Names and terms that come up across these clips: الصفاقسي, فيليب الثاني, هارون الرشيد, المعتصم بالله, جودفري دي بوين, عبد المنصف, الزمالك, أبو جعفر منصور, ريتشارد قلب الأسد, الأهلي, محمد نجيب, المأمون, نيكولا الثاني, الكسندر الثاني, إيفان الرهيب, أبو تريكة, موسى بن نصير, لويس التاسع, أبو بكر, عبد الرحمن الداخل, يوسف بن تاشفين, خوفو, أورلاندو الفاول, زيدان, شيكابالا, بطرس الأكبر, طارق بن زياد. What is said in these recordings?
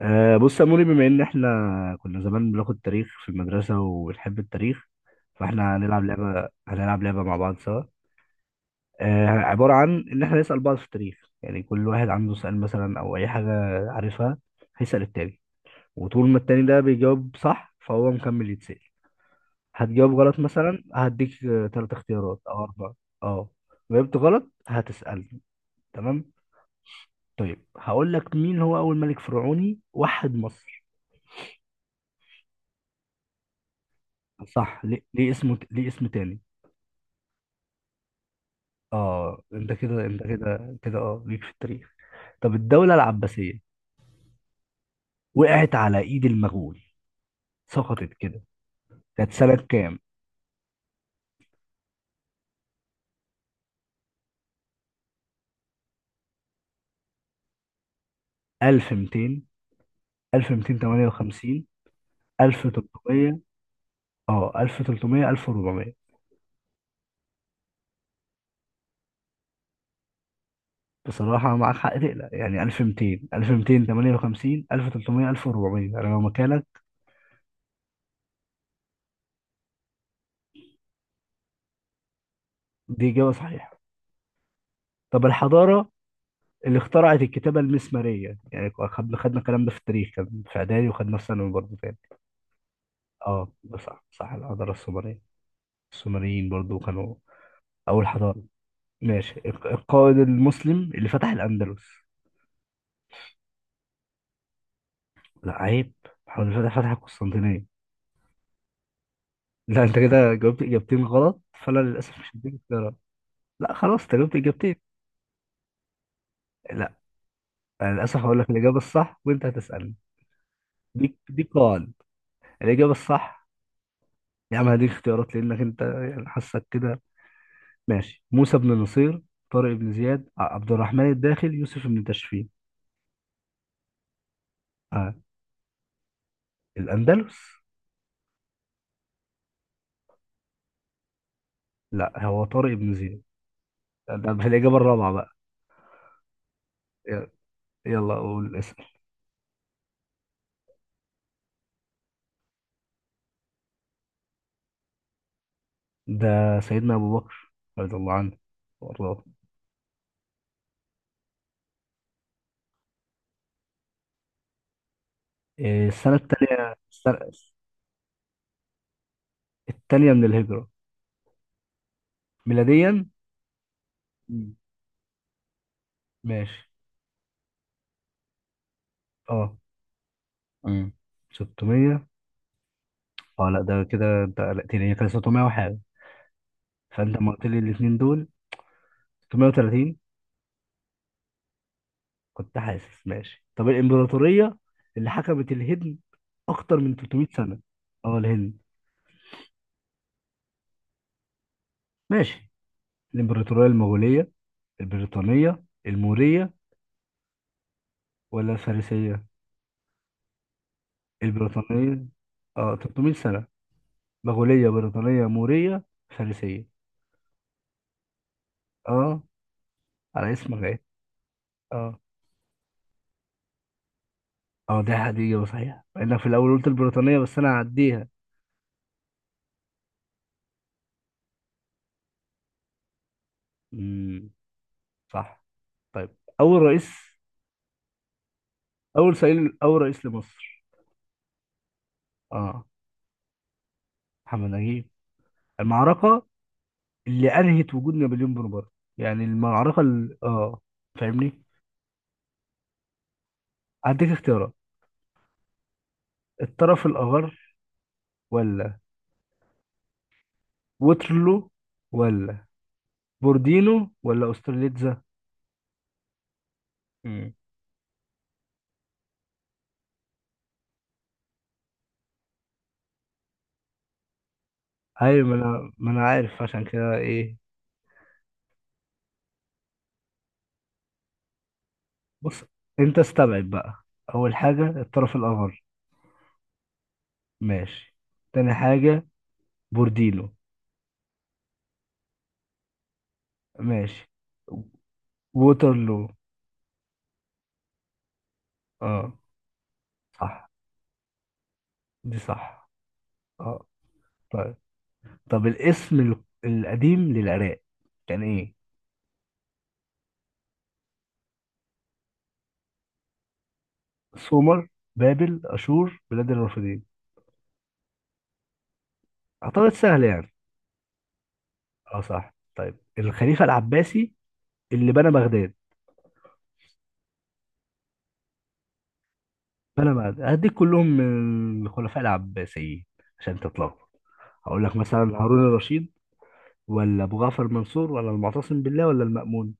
بص يا موري، بما ان احنا كنا زمان بناخد تاريخ في المدرسه وبنحب التاريخ، فاحنا هنلعب لعبه، هنلعب لعبه مع بعض سوا. عباره عن ان احنا نسال بعض في التاريخ، يعني كل واحد عنده سؤال مثلا او اي حاجه عارفها، هيسال التاني، وطول ما التاني ده بيجاوب صح فهو مكمل يتسال. هتجاوب غلط مثلا هديك ثلاث اختيارات او اربعه. اه، جاوبت غلط هتسالني. تمام. طيب، هقول لك مين هو اول ملك فرعوني وحد مصر. صح، ليه اسمه، ليه اسم تاني؟ اه، انت كده اه، ليك في التاريخ. طب الدولة العباسية وقعت على ايد المغول، سقطت كده. كانت سنة كام؟ 1200، 1258، 1300. اه، 1300، 1400. بصراحة معاك حق تقلق، يعني 1200، 1258، 1300، 1400، انا لو مكانك. دي إجابة صحيحة. طب الحضارة اللي اخترعت الكتابة المسمارية، يعني خدنا الكلام ده في التاريخ كان في إعدادي وخدنا في ثانوي برضه تاني. اه، ده صح. الحضارة السومرية، السومريين برضو كانوا أول حضارة. ماشي، القائد المسلم اللي فتح الأندلس. لا عيب، محمد الفتح فتح القسطنطينية. لا، أنت كده جاوبت إجابتين غلط، فأنا للأسف مش هديك اختيارات. لا خلاص، أنت جاوبت إجابتين. لا، أنا للأسف هقول لك الإجابة الصح وأنت هتسألني. دي قواعد. الإجابة الصح. يا عم هديك اختيارات لأنك أنت يعني حاسك كده. ماشي، موسى بن نصير، طارق بن زياد، عبد الرحمن الداخل، يوسف بن تاشفين. آه. الأندلس. لا، هو طارق بن زياد. ده الإجابة الرابعة بقى. يلا، يلا أقول اسم. ده سيدنا أبو بكر رضي الله عنه وأرضاه. إيه، السنة التانية السنة التانية من الهجرة، ميلاديا. مم. ماشي. اه. مم. 600. اه لا، ده كده انت قلقتني، هي كانت 600 وحاجة، فأنت لما قلت لي الاتنين دول 630 كنت حاسس. ماشي، طب الإمبراطورية اللي حكمت الهند أكتر من 300 سنة. اه الهند. ماشي، الإمبراطورية المغولية، البريطانية، المورية، ولا الفارسية. البريطانية. اه، 300 سنة. مغولية، بريطانية، مورية، فارسية. اه، على اسمك ايه. اه. اه، دي هدية صحيح، مع انك في الاول قلت البريطانية بس انا هعديها. امم، صح. طيب اول رئيس، اول رئيس لمصر. اه، محمد نجيب. المعركة اللي انهت وجود نابليون بونابرت، يعني المعركة ال... اه، فاهمني. هديك اختيارات. الطرف الاخر، ولا ووترلو، ولا بوردينو، ولا استرليتزا. ايوه، ما انا عارف عشان كده ايه. بص، انت استبعد بقى. اول حاجه الطرف الاخر. ماشي. تاني حاجه بورديلو. ماشي. ووترلو. اه صح، دي صح. اه. طيب، طب الاسم القديم للعراق كان ايه؟ سومر، بابل، اشور، بلاد الرافدين. اعتقد سهل يعني. اه صح. طيب الخليفه العباسي اللي بنى بغداد. بنى بغداد هديك كلهم من الخلفاء العباسيين عشان تطلعوا. هقول لك مثلا هارون الرشيد، ولا ابو جعفر منصور، ولا المعتصم بالله، ولا المأمون.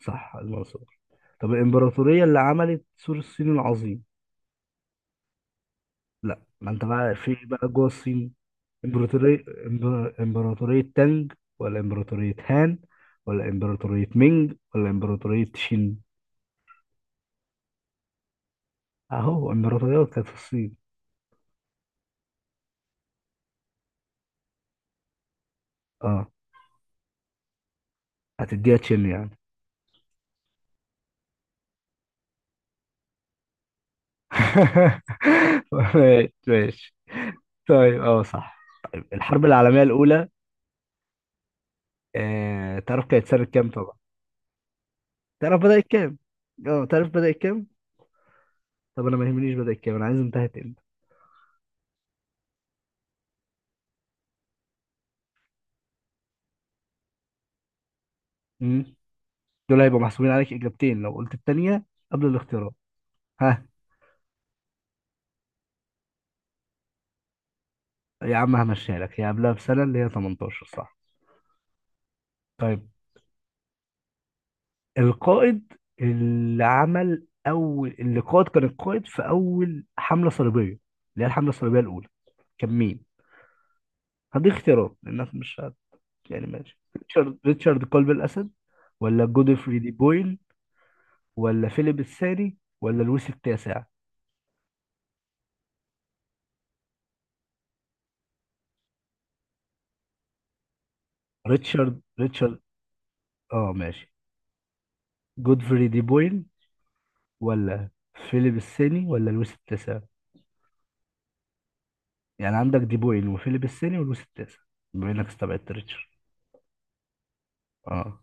صح، المنصور. طب الامبراطوريه اللي عملت سور الصين العظيم. لا، ما انت بقى في بقى جوه الصين. امبراطوريه امبراطوريه تانج، ولا امبراطوريه هان، ولا امبراطوريه مينج، ولا امبراطوريه شين. اهو امبراطوريات كانت في الصين. اه، هتديها تشين يعني. ماشي ماشي. طيب، اه صح. طيب الحرب العالميه الاولى. آه، تعرف كانت سنه كام؟ تعرف بدأت كام؟ اه، تعرف بدأت كام؟ طب انا ما يهمنيش بدأت كام، انا عايز انتهت امتى. امم، دول هيبقوا محسوبين عليك اجابتين لو قلت التانية قبل الاختيارات. ها. يا عم همشيها لك، هي قبلها بسنة، اللي هي 18، صح؟ طيب، القائد اللي عمل اول اللي قائد كان القائد في اول حملة صليبية، اللي هي الحملة الصليبية الاولى، كان مين؟ هديك اختيارات لانك مش هت... يعني ماشي، ريتشارد قلب الاسد، ولا جودفري دي بويل، ولا فيليب الثاني، ولا لويس التاسع. ريتشارد. اه ماشي، جودفري دي بوين، ولا فيليب الثاني، ولا لويس التاسع. يعني عندك دي بوين وفيليب الثاني ولويس التاسع، بما انك استبعدت ريتشارد. اه.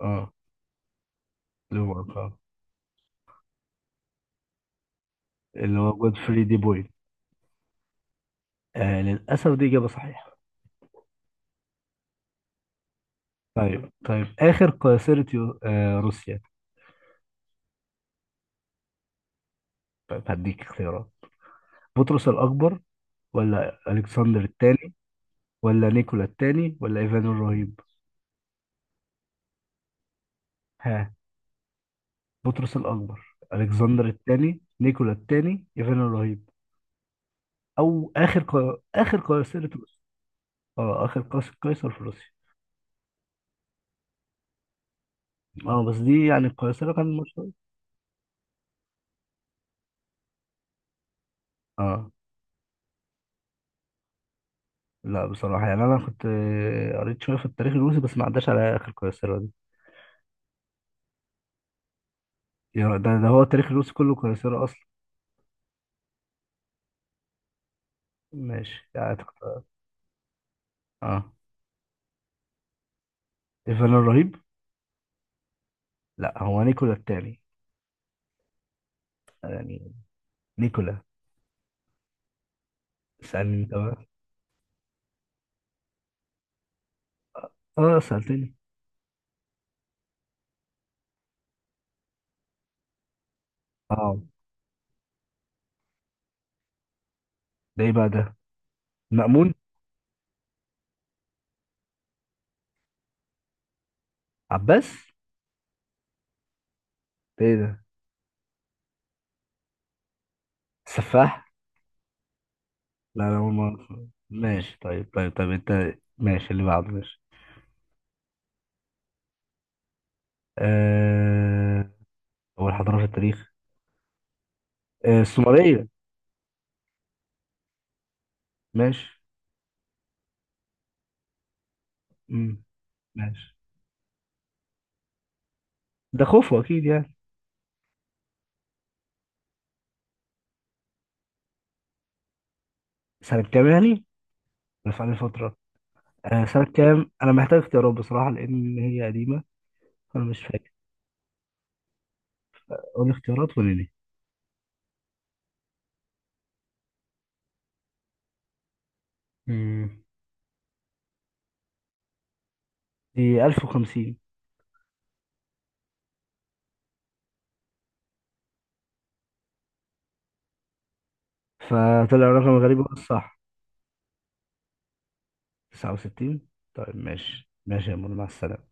اه. اللي هو آه. اللي هو جودفري دي بوين. آه للاسف، دي اجابه صحيحه. طيب، طيب اخر قيصرة آه روسيا. طيب هديك اختيارات. بطرس الاكبر، ولا الكسندر الثاني، ولا نيكولا الثاني، ولا ايفان الرهيب. ها، بطرس الاكبر، الكسندر الثاني، نيكولا الثاني، ايفان الرهيب. او اخر اخر قيصرة روسيا. اه، اخر قيصر، قيصر في روسيا. اه، بس دي يعني القيصرة كان مشهور. اه لا بصراحة يعني، انا كنت آه، قريت شوية في التاريخ الروسي بس ما عداش على اخر قيصرة دي. يعني ده هو التاريخ الروسي كله قيصرة اصلا. ماشي يعني اه ايفان الرهيب. لا هو نيكولا التاني يعني، نيكولا. سألني انت بقى. اه سألتني. اه، ده ايه بقى ده؟ مأمون. عباس. ده ايه ده؟ السفاح. لا انا اول مره أسمع. ماشي، طيب طيب طيب انت ماشي، اللي بعده ماشي. أه... اول حضاره في التاريخ. أه... السومريه. ماشي. مم. ماشي. ده خوفو اكيد يعني. سنه كام يعني؟ رفع لي فتره. أه... سنه كام، انا محتاج اختيارات بصراحه لان هي قديمه، فانا مش فاكر. قول لي اختيارات وقول لي. مم. دي 1050. فطلع رقم غريب هو الصح. 69. طيب ماشي ماشي يا مول، مع السلامه.